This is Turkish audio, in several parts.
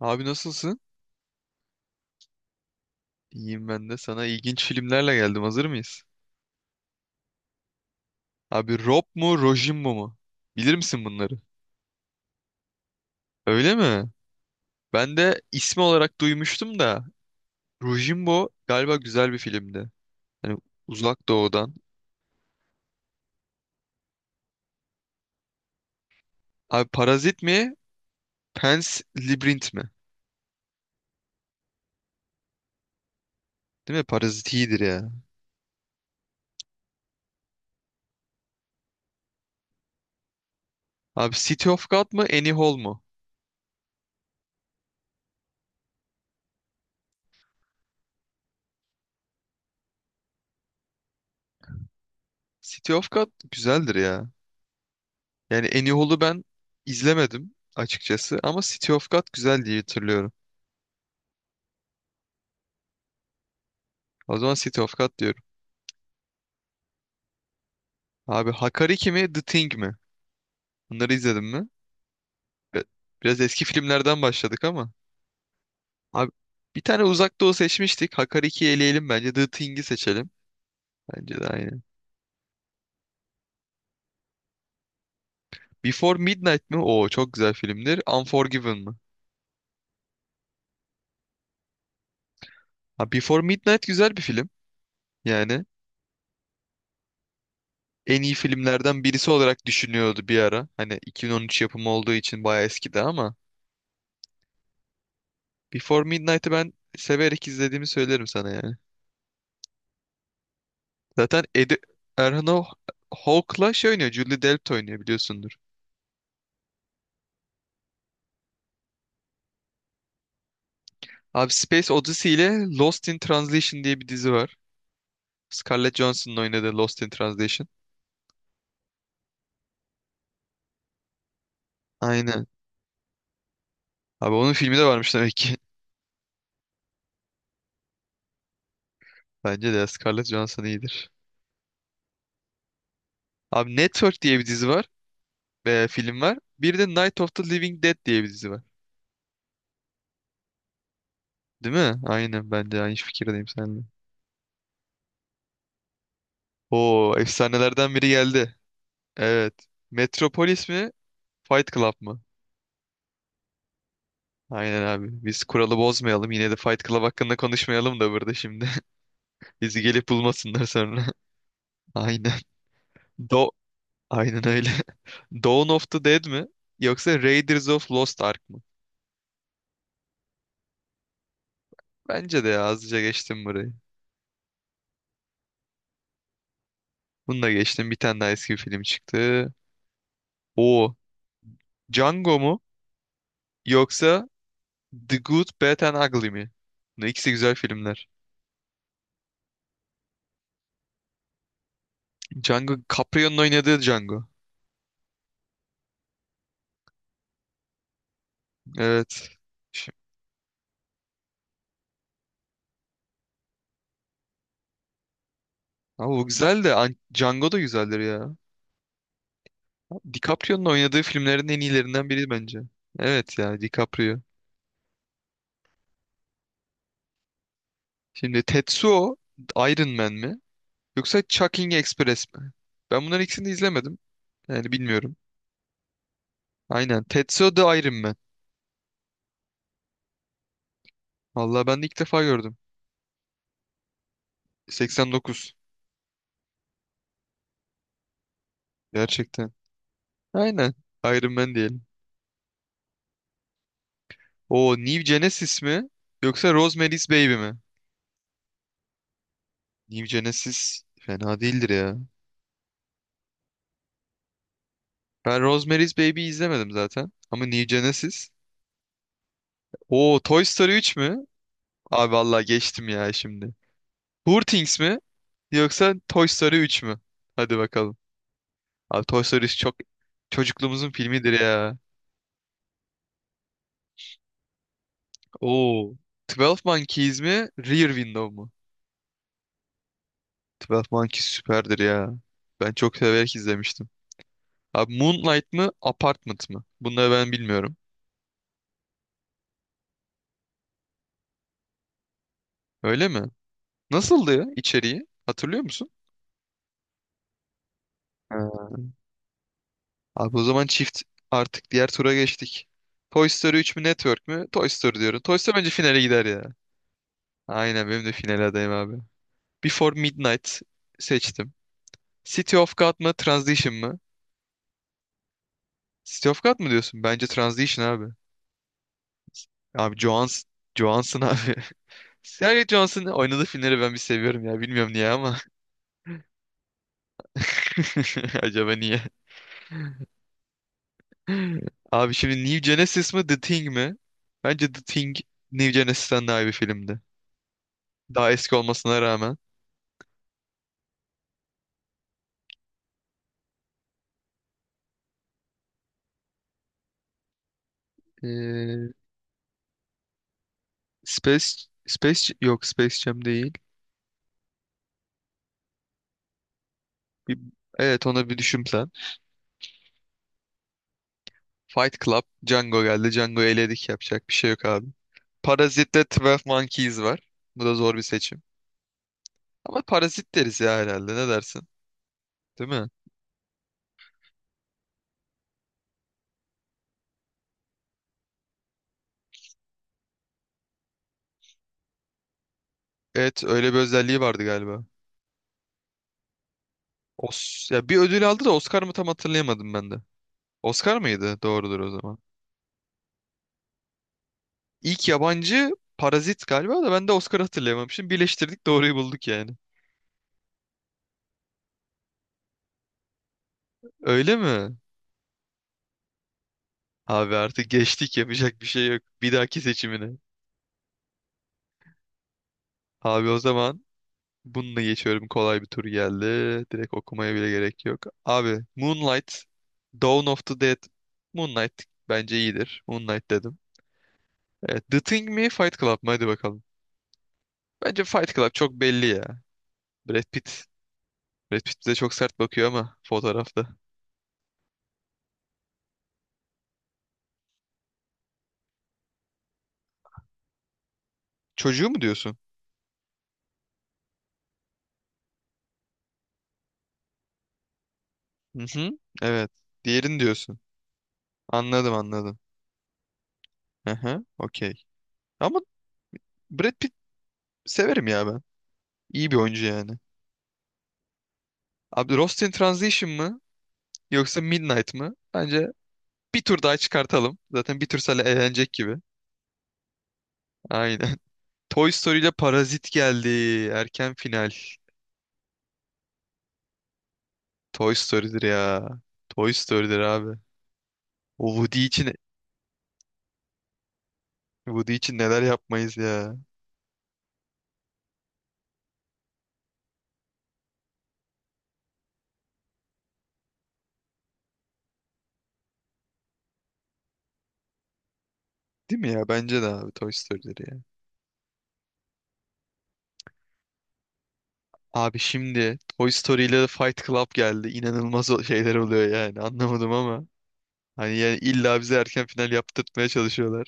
Abi nasılsın? İyiyim ben de. Sana ilginç filmlerle geldim. Hazır mıyız? Abi Rob mu Rojimbo mu? Bilir misin bunları? Öyle mi? Ben de ismi olarak duymuştum da Rojimbo galiba güzel bir filmdi. Hani Uzak Doğu'dan. Abi Parazit mi? Pan's Labyrinth mi? Değil mi? Parazit iyidir ya. Abi City of God mı? Annie Hall mu? City of God güzeldir ya. Yani Annie Hall'u ben izlemedim açıkçası ama City of God güzel diye hatırlıyorum. O zaman City of God diyorum. Abi Hakariki mi The Thing mi? Bunları izledin mi? Bi- Biraz eski filmlerden başladık ama. Abi bir tane Uzak Doğu seçmiştik. Hakariki'yi eleyelim bence. The Thing'i seçelim. Bence de aynı. Before Midnight mi? Oo çok güzel filmdir. Unforgiven mı? Ha, Before Midnight güzel bir film. Yani en iyi filmlerden birisi olarak düşünüyordu bir ara. Hani 2013 yapımı olduğu için bayağı eskidi ama. Before Midnight'ı ben severek izlediğimi söylerim sana yani. Zaten Erhan Hawke'la şey oynuyor. Julie Delpy oynuyor biliyorsundur. Abi Space Odyssey ile Lost in Translation diye bir dizi var. Scarlett Johansson'ın oynadığı Lost in Translation. Aynen. Abi onun filmi de varmış demek ki. Bence de Scarlett Johansson iyidir. Abi Network diye bir dizi var. E, film var. Bir de Night of the Living Dead diye bir dizi var. Değil mi? Aynen ben de aynı fikirdeyim seninle. Oo efsanelerden biri geldi. Evet. Metropolis mi? Fight Club mı? Aynen abi. Biz kuralı bozmayalım. Yine de Fight Club hakkında konuşmayalım da burada şimdi. Bizi gelip bulmasınlar sonra. Aynen. Do Aynen öyle. Dawn of the Dead mi? Yoksa Raiders of Lost Ark mı? Bence de ya, azıca geçtim burayı. Bunu da geçtim. Bir tane daha eski bir film çıktı. O Django mu? Yoksa The Good, Bad and Ugly mi? Bunlar ikisi güzel filmler. Django, Caprio'nun oynadığı Django. Evet. Şi- Ama bu güzel de Django da güzeldir ya. DiCaprio'nun oynadığı filmlerin en iyilerinden biri bence. Evet ya DiCaprio. Şimdi Tetsuo Iron Man mi? Yoksa Chucking Express mi? Ben bunların ikisini de izlemedim. Yani bilmiyorum. Aynen. Tetsuo the Iron Man. Vallahi ben de ilk defa gördüm. 89. Gerçekten. Aynen. Iron Man diyelim. O New Genesis mi? Yoksa Rosemary's Baby mi? New Genesis fena değildir ya. Ben Rosemary's Baby izlemedim zaten. Ama New Genesis. O Toy Story 3 mü? Abi vallahi geçtim ya şimdi. Poor Things mi? Yoksa Toy Story 3 mü? Hadi bakalım. Abi Toy Story çok çocukluğumuzun filmidir ya. Oo. Twelve Monkeys mi? Rear Window mu? Twelve Monkeys süperdir ya. Ben çok severek izlemiştim. Abi Moonlight mı? Apartment mı? Bunları ben bilmiyorum. Öyle mi? Nasıldı ya içeriği? Hatırlıyor musun? Ha. Abi o zaman çift artık diğer tura geçtik. Toy Story 3 mü Network mü? Toy Story diyorum. Toy Story bence finale gider ya. Aynen benim de finale adayım abi. Before Midnight seçtim. City of God mı? Transition mı? City of God mı diyorsun? Bence Transition abi. Abi Johansson, Johansson abi. Scarlett Johansson'ın oynadığı filmleri ben bir seviyorum ya. Bilmiyorum niye ama. Acaba niye? Abi şimdi New Genesis mi The Thing mi? Bence The Thing New Genesis'ten daha iyi bir filmdi. Daha eski olmasına rağmen. Ee, Space Space yok Space Jam değil. Bir, evet ona bir düşün sen. Fight Club, Django geldi. Django eledik yapacak bir şey yok abi. Parazit'te 12 Monkeys var. Bu da zor bir seçim. Ama parazit deriz ya herhalde ne dersin? Değil mi? Evet öyle bir özelliği vardı galiba. Os ya bir ödül aldı da Oscar mı tam hatırlayamadım ben de. Oscar mıydı? Doğrudur o zaman. İlk yabancı Parazit galiba da ben de Oscar hatırlayamamışım. Birleştirdik doğruyu bulduk yani. Öyle mi? Abi artık geçtik yapacak bir şey yok. Bir dahaki seçimine. Abi o zaman bununla geçiyorum. Kolay bir tur geldi. Direkt okumaya bile gerek yok. Abi Moonlight, Dawn of the Dead. Moonlight bence iyidir. Moonlight dedim. Evet, The Thing mi Fight Club mı? Hadi bakalım. Bence Fight Club çok belli ya. Brad Pitt. Brad Pitt bize çok sert bakıyor ama fotoğrafta. Çocuğu mu diyorsun? Hı hı. Evet. Diğerini diyorsun. Anladım anladım. Hı hı. Okey. Ama Brad Pitt severim ya ben. İyi bir oyuncu yani. Abi Lost in Translation mı? Yoksa Midnight mı? Bence bir tur daha çıkartalım. Zaten bir tur sale eğlenecek gibi. Aynen. Toy Story ile Parazit geldi. Erken final. Toy Story'dir ya. Toy Story'dir abi. O Woody için Woody için neler yapmayız ya. Değil mi ya? Bence de abi Toy Story'leri ya. Abi şimdi Toy Story ile Fight Club geldi. İnanılmaz şeyler oluyor yani. Anlamadım ama. Hani yani illa bize erken final yaptırtmaya çalışıyorlar.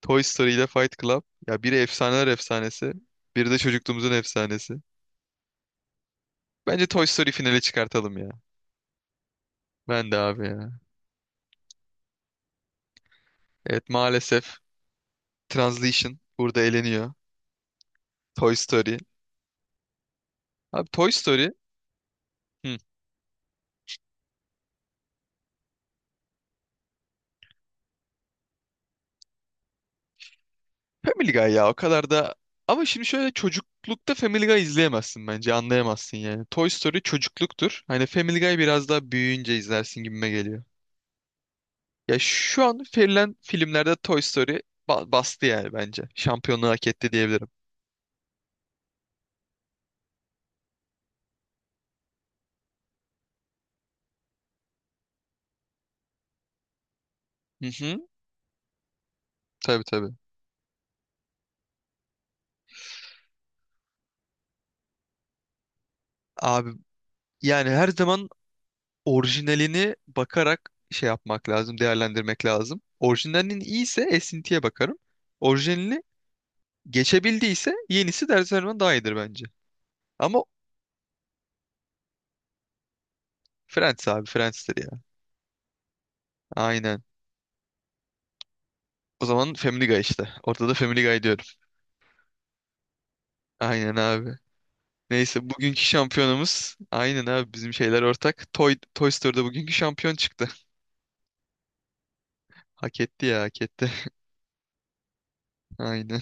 Toy Story ile Fight Club. Ya biri efsaneler efsanesi. Biri de çocukluğumuzun efsanesi. Bence Toy Story finale çıkartalım ya. Ben de abi ya. Evet maalesef Translation burada eleniyor. Toy Story. Abi Toy Story. Hı. Family Guy ya o kadar da ama şimdi şöyle çocuklukta Family Guy izleyemezsin bence anlayamazsın yani. Toy Story çocukluktur. Hani Family Guy biraz daha büyüyünce izlersin gibime geliyor. Ya şu an verilen filmlerde Toy Story bastı yani bence. Şampiyonluğu hak etti diyebilirim. Hı hı. Tabii tabii. Abi yani her zaman orijinalini bakarak şey yapmak lazım, değerlendirmek lazım. Orijinalinin iyiyse esintiye bakarım. Orijinalini geçebildiyse yenisi de her zaman daha iyidir bence. Ama Friends abi Friends'tir ya. Aynen. O zaman Family Guy işte. Ortada da Family Guy diyorum. Aynen abi. Neyse bugünkü şampiyonumuz aynen abi bizim şeyler ortak. Toy Story'da bugünkü şampiyon çıktı. Hak etti ya hak etti. Aynen.